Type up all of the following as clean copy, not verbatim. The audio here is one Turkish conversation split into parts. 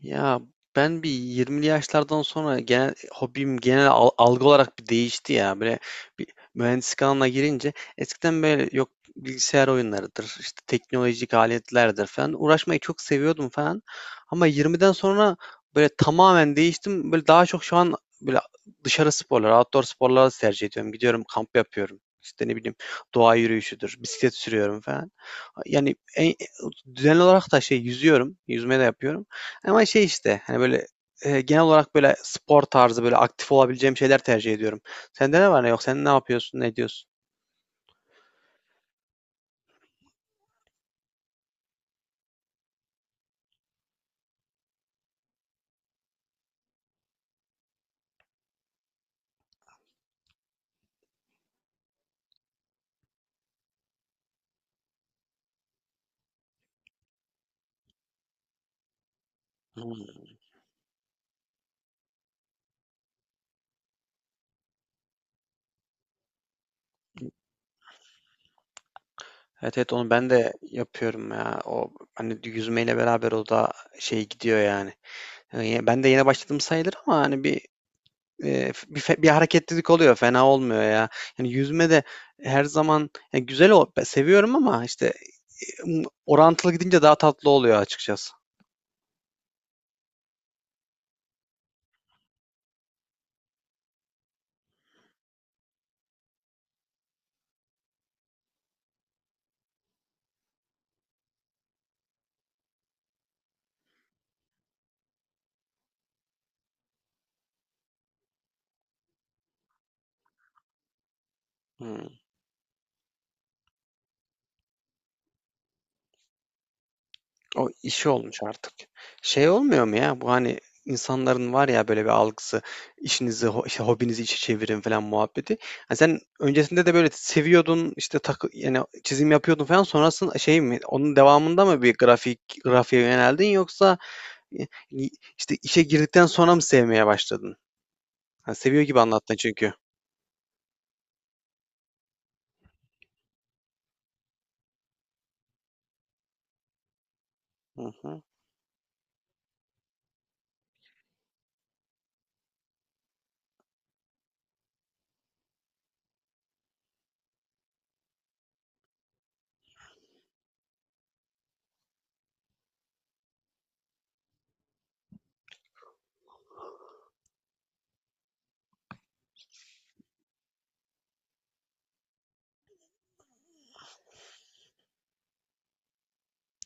Ya ben bir 20'li yaşlardan sonra genel hobim genel algı olarak bir değişti ya. Böyle bir mühendislik alanına girince eskiden böyle yok, bilgisayar oyunlarıdır, işte teknolojik aletlerdir falan, uğraşmayı çok seviyordum falan. Ama 20'den sonra böyle tamamen değiştim. Böyle daha çok şu an böyle dışarı sporları, outdoor sporları tercih ediyorum. Gidiyorum, kamp yapıyorum. İşte ne bileyim, doğa yürüyüşüdür, bisiklet sürüyorum falan. Yani en, düzenli olarak da şey yüzüyorum, yüzme de yapıyorum. Ama şey işte, hani, böyle, genel olarak, böyle, spor tarzı, böyle, aktif olabileceğim şeyler tercih ediyorum. Sende ne var ne yok? Sen ne yapıyorsun, ne ediyorsun? Hımm. Evet, evet, onu ben de yapıyorum ya. O, hani, yüzmeyle beraber o da şey gidiyor yani. Hani, ben de yeni başladım sayılır ama, hani, bir bir fe bir hareketlilik oluyor, fena olmuyor ya. Yani yüzme de her zaman ya güzel o be seviyorum ama işte, eee, orantılı gidince daha tatlı oluyor açıkçası. Hıı. O işi olmuş artık. Şey olmuyor mu ya? Bu, hani, insanların var ya böyle bir algısı, işinizi, işte hobinizi işe çevirin falan muhabbeti. Ha sen öncesinde de böyle seviyordun, işte takı yani çizim yapıyordun falan. Sonrasında şey mi? Onun devamında mı bir grafik grafiğe yöneldin yoksa e, işte işe girdikten sonra mı sevmeye başladın? Ha, seviyor gibi anlattın çünkü. Hı hı.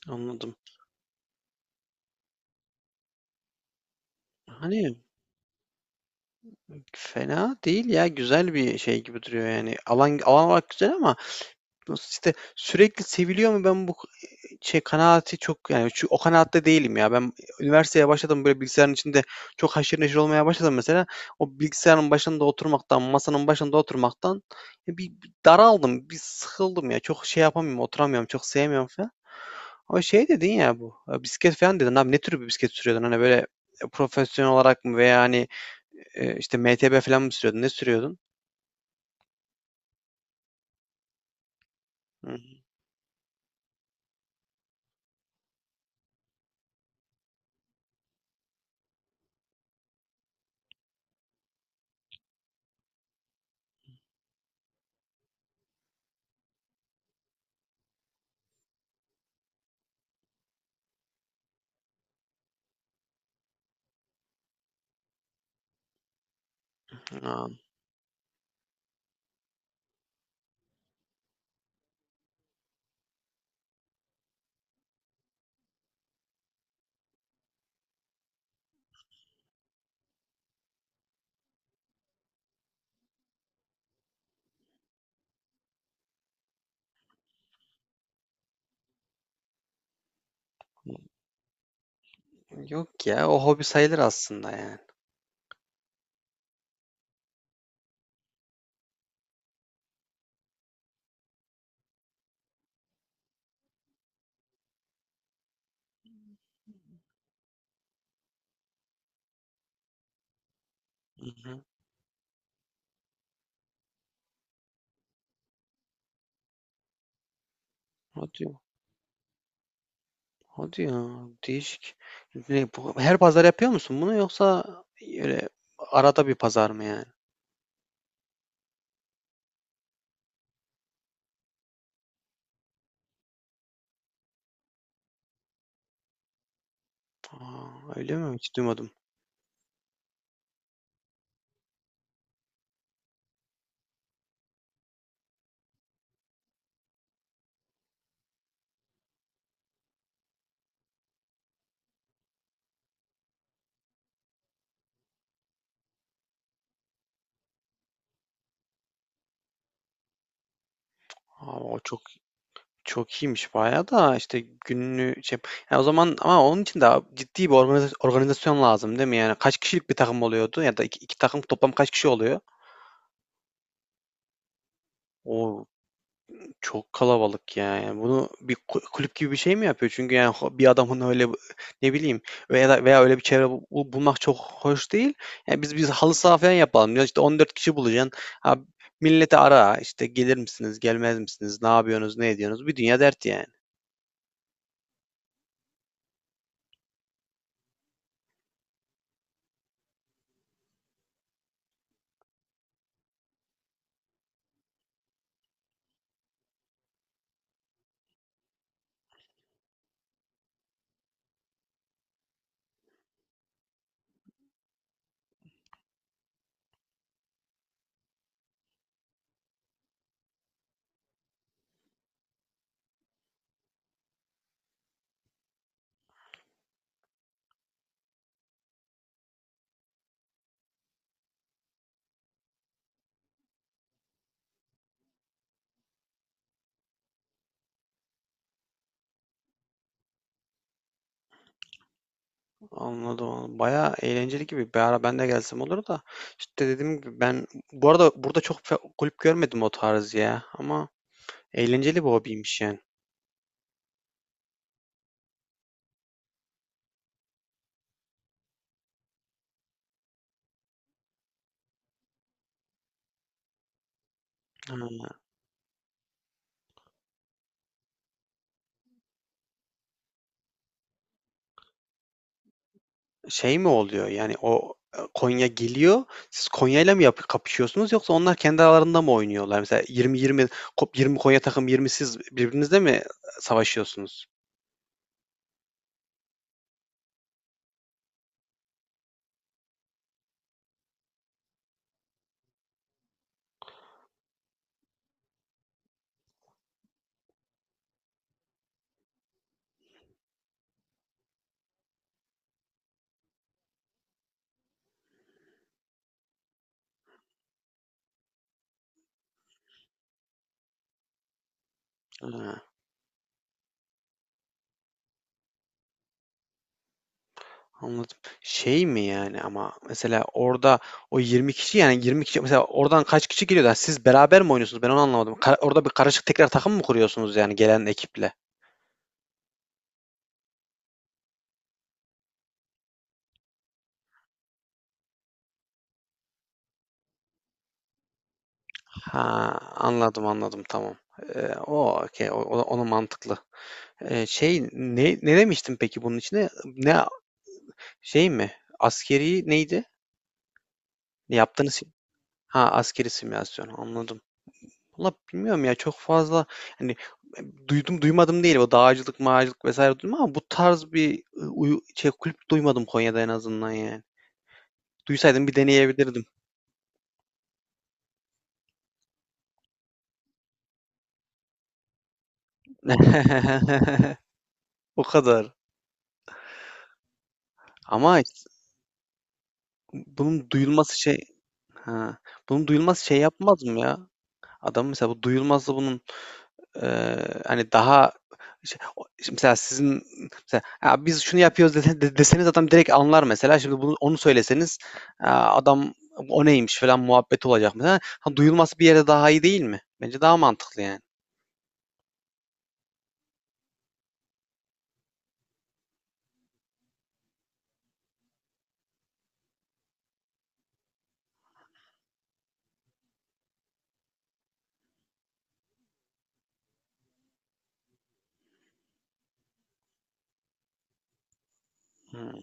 Anladım. Hani fena değil ya, güzel bir şey gibi duruyor yani. Alan olarak güzel ama nasıl işte sürekli seviliyor mu, ben bu şey kanaati çok, yani şu, o kanaatte değilim ya. Ben üniversiteye başladım, böyle bilgisayarın içinde çok haşır neşir olmaya başladım mesela. O bilgisayarın başında oturmaktan, masanın başında oturmaktan bir daraldım, bir sıkıldım ya. Çok şey yapamıyorum, oturamıyorum, çok sevmiyorum falan. Ama şey dedin ya bu, bisiklet falan dedin abi. Ne tür bir bisiklet sürüyordun? Hani böyle, profesyonel olarak mı veya hani, işte, MTB falan mı sürüyordun? Ne sürüyordun? Hı hı. Yok ya, o hobi sayılır aslında yani. Hı hı. Hadi ya, hadi ya, değişik. Ne bu, her pazar yapıyor musun bunu yoksa, öyle arada bir pazar mı yani? A! Öyle mi? Hiç duymadım. A! O çok Çok iyiymiş bayağı da, işte gününü şey. Ya o zaman ama onun için de ciddi bir organizasyon lazım değil mi? Yani kaç kişilik bir takım oluyordu ya da iki, iki takım toplam kaç kişi oluyor? O çok kalabalık ya. Yani bunu bir kulüp gibi bir şey mi yapıyor? Çünkü yani bir adamın öyle, ne bileyim, veya öyle bir çevre bulmak çok hoş değil. Yani biz halı saha falan yapalım diyor. İşte 14 kişi bulacaksın. Ha, milleti ara işte, gelir misiniz, gelmez misiniz, ne yapıyorsunuz, ne ediyorsunuz? Bir dünya dert yani. Anladım, anladım. Bayağı eğlenceli gibi. Bir ara ben de gelsem olur da. İşte dediğim gibi, ben bu arada burada çok kulüp görmedim o tarz ya. Ama eğlenceli bir hobiymiş yani. Ha, şey mi oluyor yani o, Konya geliyor. Siz Konya'yla mı kapışıyorsunuz yoksa onlar kendi aralarında mı oynuyorlar? Mesela 20-20, 20 Konya takım, 20 siz, birbirinizle mi savaşıyorsunuz? Ha. Anladım. Şey mi yani, ama mesela orada o 20 kişi yani 20 kişi, mesela oradan kaç kişi geliyor da siz beraber mi oynuyorsunuz? Ben onu anlamadım. Orada bir karışık tekrar takım mı kuruyorsunuz yani gelen ekiple? Ha, anladım, anladım, tamam. O okey, onu mantıklı. Ne demiştim peki bunun içine? Ne, şey mi? Askeri neydi? Ne yaptığınız? Ha, askeri simülasyon, anladım. Valla bilmiyorum ya, çok fazla hani, duydum duymadım değil, o dağcılık mağacılık vesaire duydum ama bu tarz bir şey kulüp duymadım Konya'da, en azından yani. Duysaydım bir deneyebilirdim. O kadar. Ama işte bunun duyulması şey ha, bunun duyulması şey yapmaz mı ya? Adam mesela bu duyulması bunun hani, daha işte o işte mesela sizin mesela, "Ya, biz şunu yapıyoruz." Deseniz adam direkt anlar mesela. Şimdi bunu onu söyleseniz, aaa, adam "O neymiş?" falan muhabbet olacak mesela. Ha, duyulması bir yere daha iyi değil mi? Bence daha mantıklı yani. Hımm,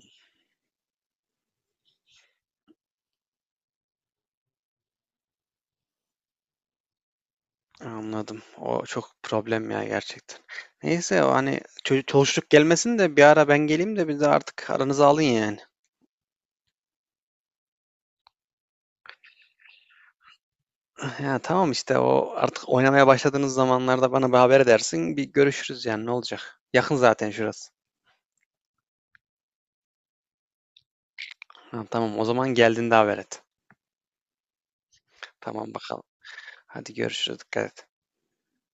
anladım. O çok problem ya gerçekten. Neyse o, hani, çoluşluk gelmesin de bir ara ben geleyim de bir de artık aranıza alın yani. Ya, tamam işte, o artık oynamaya başladığınız zamanlarda bana bir haber edersin, bir görüşürüz yani, ne olacak? Yakın zaten şurası. Ha, tamam, o zaman geldiğinde haber et. Tamam bakalım. Hadi görüşürüz. Dikkat et.